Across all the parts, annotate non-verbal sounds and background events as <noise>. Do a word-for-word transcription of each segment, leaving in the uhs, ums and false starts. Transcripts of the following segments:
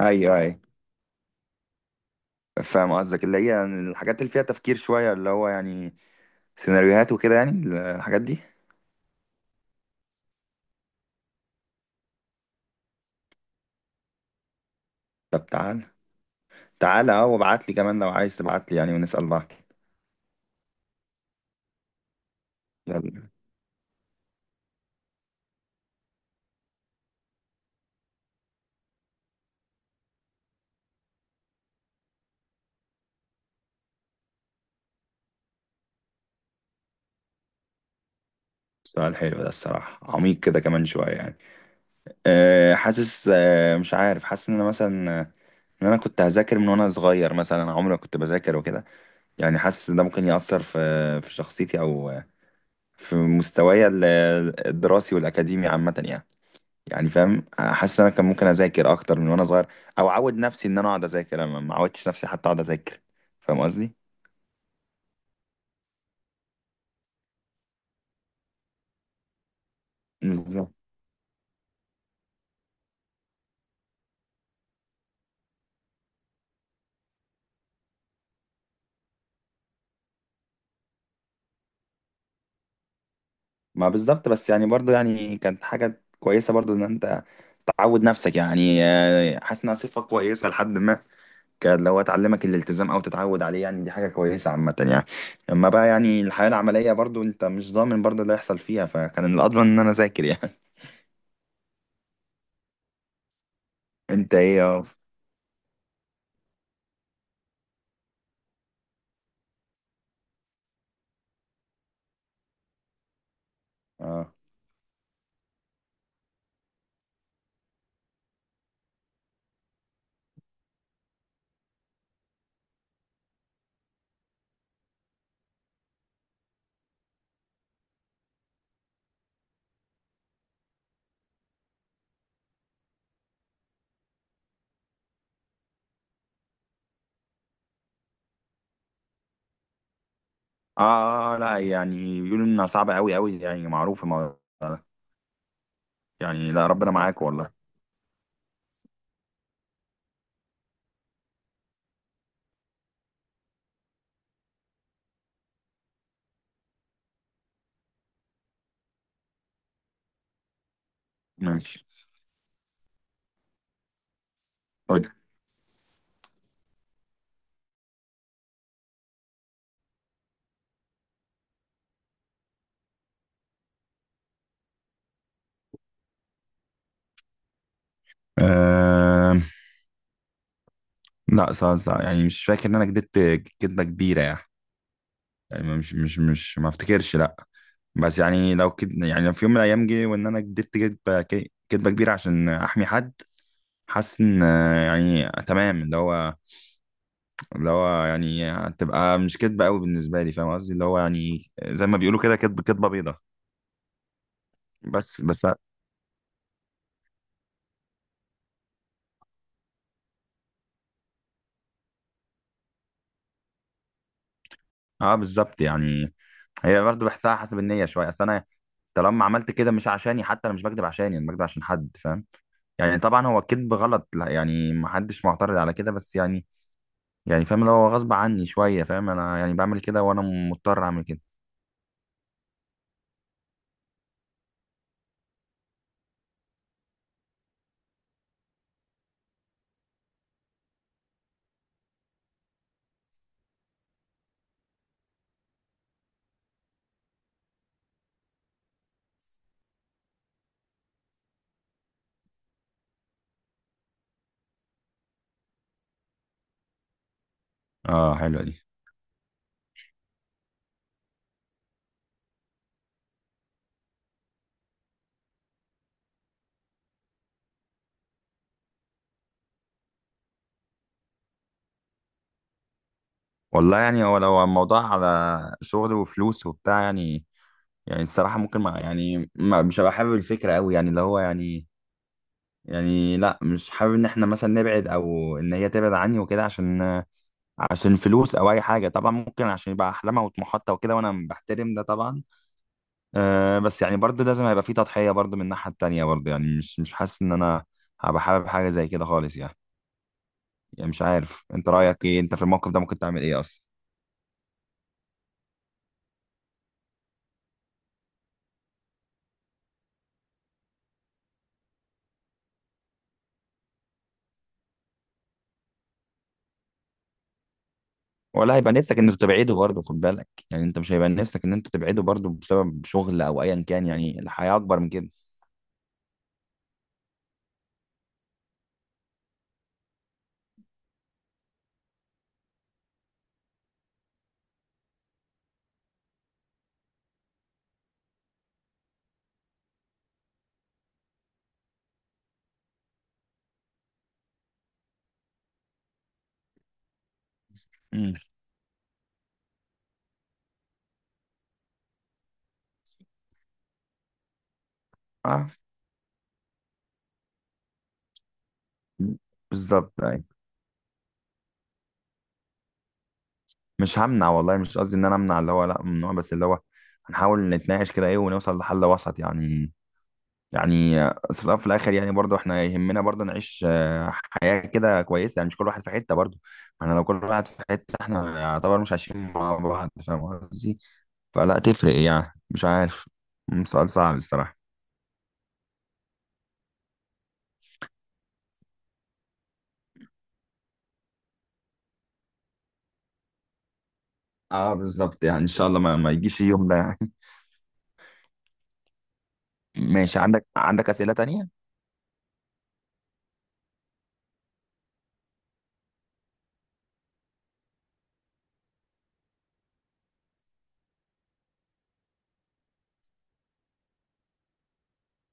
ايوه ايوه، فاهم قصدك، اللي هي يعني الحاجات اللي فيها تفكير شويه، اللي هو يعني سيناريوهات وكده يعني الحاجات دي. طب تعال تعال، اه وابعت لي كمان لو عايز تبعت لي يعني، ونسال بعض. يلا. سؤال حلو ده الصراحه، عميق كده كمان شويه يعني. أه حاسس، أه مش عارف، حاسس ان انا مثلا آه، ان انا كنت هذاكر من وانا صغير مثلا. أنا عمري ما كنت بذاكر وكده، يعني حاسس ان ده ممكن ياثر في في شخصيتي، او في مستواي ال- الدراسي والاكاديمي عامه يعني. يعني فاهم، حاسس إن انا كان ممكن اذاكر اكتر من وانا صغير، او اعود نفسي ان انا اقعد اذاكر. انا ما عودتش نفسي حتى اقعد اذاكر، فاهم قصدي؟ بالظبط ما بالظبط، بس يعني برضو يعني كانت حاجه كويسه برضو ان انت تعود نفسك يعني، آه، حاسس انها صفه كويسه لحد ما، كان لو تعلمك الالتزام او تتعود عليه يعني دي حاجه كويسه عامه يعني. اما بقى يعني الحياه العمليه برضو انت مش ضامن برضو اللي هيحصل فيها، فكان الأضمن ان انا اذاكر يعني. <laughs> انت ايه يا اه آه، آه، لأ، يعني بيقولوا إنها صعبة أوي، أوي يعني، معروف الموضوع ده، يعني لأ ربنا معاك والله. ماشي قُل. آمم، لأ، ص ص يعني مش فاكر إن أنا كدبت كدبة كبيرة يعني، يعني مش مش مش ما افتكرش لأ. بس يعني لو كد يعني لو في يوم من الأيام جه وإن أنا كدبت كدبة ك كدبة كبيرة عشان أحمي حد، حاسس إن آه، يعني تمام، اللي هو اللي هو يعني هتبقى مش كدبة أوي بالنسبة لي، فاهم قصدي؟ اللي هو يعني زي ما بيقولوا كده، كدب كدبة بيضا. بس بس، اه بالظبط يعني، هي برضه بحسها حسب النية شوية. اصل انا طالما عملت كده مش عشاني، حتى انا مش بكدب عشاني، انا بكدب عشان حد، فاهم؟ يعني طبعا هو الكذب غلط، لا يعني، ما حدش معترض على كده، بس يعني، يعني فاهم اللي هو غصب عني شوية، فاهم؟ انا يعني بعمل كده وانا مضطر اعمل كده. اه حلوة دي. والله يعني هو لو الموضوع على شغل وفلوس وبتاع يعني يعني الصراحة ممكن، ما يعني ما مش هبقى حابب الفكرة قوي يعني، اللي هو يعني، يعني لا مش حابب ان احنا مثلا نبعد، او ان هي تبعد عني وكده عشان عشان فلوس او اي حاجه. طبعا ممكن عشان يبقى احلامها وطموحاتها وكده، وانا بحترم ده طبعا. أه بس يعني برضه لازم هيبقى في تضحيه برضه من الناحيه التانيه برضه، يعني مش مش حاسس ان انا هبقى حابب حاجه زي كده خالص يعني. يعني مش عارف انت رايك ايه، انت في الموقف ده ممكن تعمل ايه اصلا؟ ولا هيبقى نفسك انك تبعده برضه؟ خد بالك يعني، انت مش هيبقى نفسك ان انت تبعده برضه بسبب شغل او ايا كان؟ يعني الحياه اكبر من كده. امم اه بالظبط. مش همنع والله، مش قصدي ان انا امنع، اللي هو لا ممنوع، بس اللي هو هنحاول نتناقش كده ايه، ونوصل لحل وسط يعني. يعني في الأول وفي الاخر يعني برضو احنا يهمنا برضو نعيش آه، حياة كده كويسة. يعني مش كل واحد في حتة برضو، ما احنا لو كل واحد في حتة احنا يعتبر مش عايشين مع بعض، فاهم قصدي؟ فلا تفرق يعني، مش عارف. مم، سؤال صعب الصراحة. اه بالظبط يعني، ان شاء الله ما, ما يجيش اليوم ده يعني. <laughs> ماشي، عندك عندك أسئلة تانية؟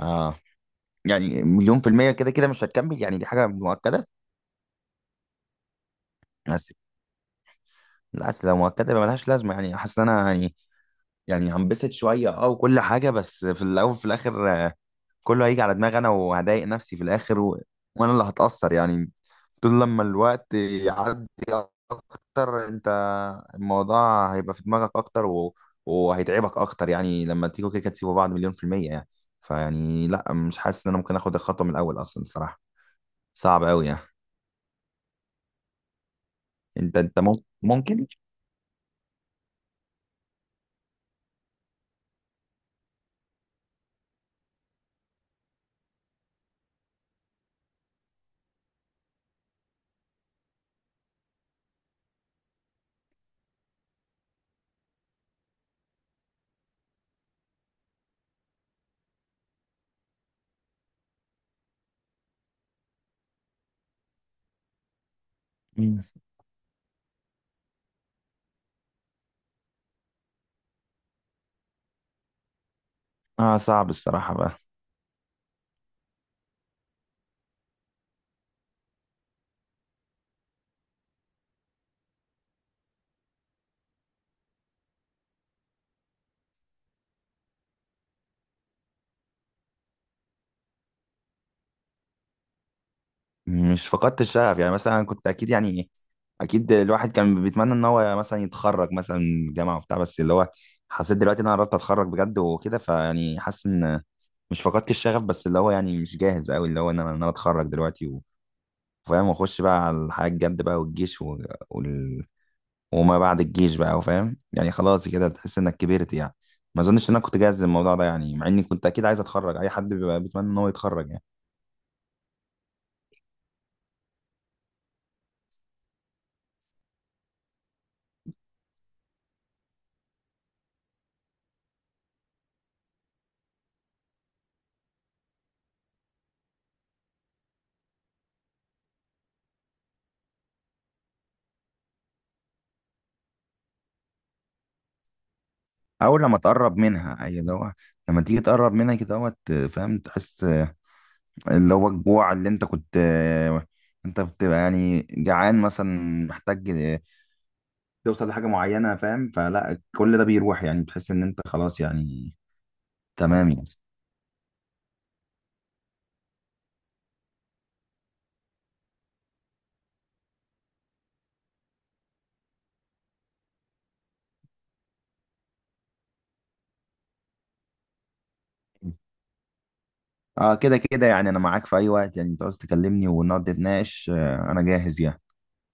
اه يعني، مليون في المية كده كده مش هتكمل يعني، دي حاجة مؤكدة. الاصل لو مؤكده يبقى ملهاش لازمه، يعني حاسس ان انا يعني يعني هنبسط شويه اه وكل حاجه، بس في الاول وفي الاخر آه، كله هيجي على دماغي انا، وهضايق نفسي في الاخر و... وانا اللي هتاثر يعني. طول لما الوقت يعدي اكتر، انت الموضوع هيبقى في دماغك اكتر و... وهيتعبك اكتر يعني لما تيجوا كده كده تسيبوا بعض مليون في المية يعني. فيعني لا، مش حاسس ان انا ممكن اخد الخطوة من الاول اصلا، الصراحة صعب قوي يعني. انت انت ممكن ممكن. مم. اه صعب الصراحة. مش فقدت الشغف يعني، مثلا كنت اكيد يعني، اكيد الواحد كان بيتمنى ان هو مثلا يتخرج مثلا من الجامعه وبتاع، بس اللي هو حسيت دلوقتي ان انا قربت اتخرج بجد وكده، فيعني حاسس ان مش فقدت الشغف، بس اللي هو يعني مش جاهز قوي، اللي هو ان انا ان انا اتخرج دلوقتي و- وفاهم، واخش بقى على الحياه الجد بقى، والجيش و... وال... وما بعد الجيش بقى، وفاهم يعني، خلاص كده تحس انك كبرت يعني. ما اظنش ان انا كنت جاهز للموضوع ده يعني، مع اني كنت اكيد عايز اتخرج، اي حد بيبقى بيتمنى ان هو يتخرج يعني. او لما تقرب منها، اي اللي هو لما تيجي تقرب منها كده، اهوت فاهم، تحس اللي هو الجوع اللي انت كنت، انت بتبقى يعني جعان مثلا، محتاج توصل لحاجه معينه، فاهم؟ فلا، كل ده بيروح يعني، بتحس ان انت خلاص يعني، تمام يعني. اه كده كده يعني انا معاك في اي وقت، يعني انت عاوز تكلمني ونقعد نتناقش، آه، انا جاهز يعني.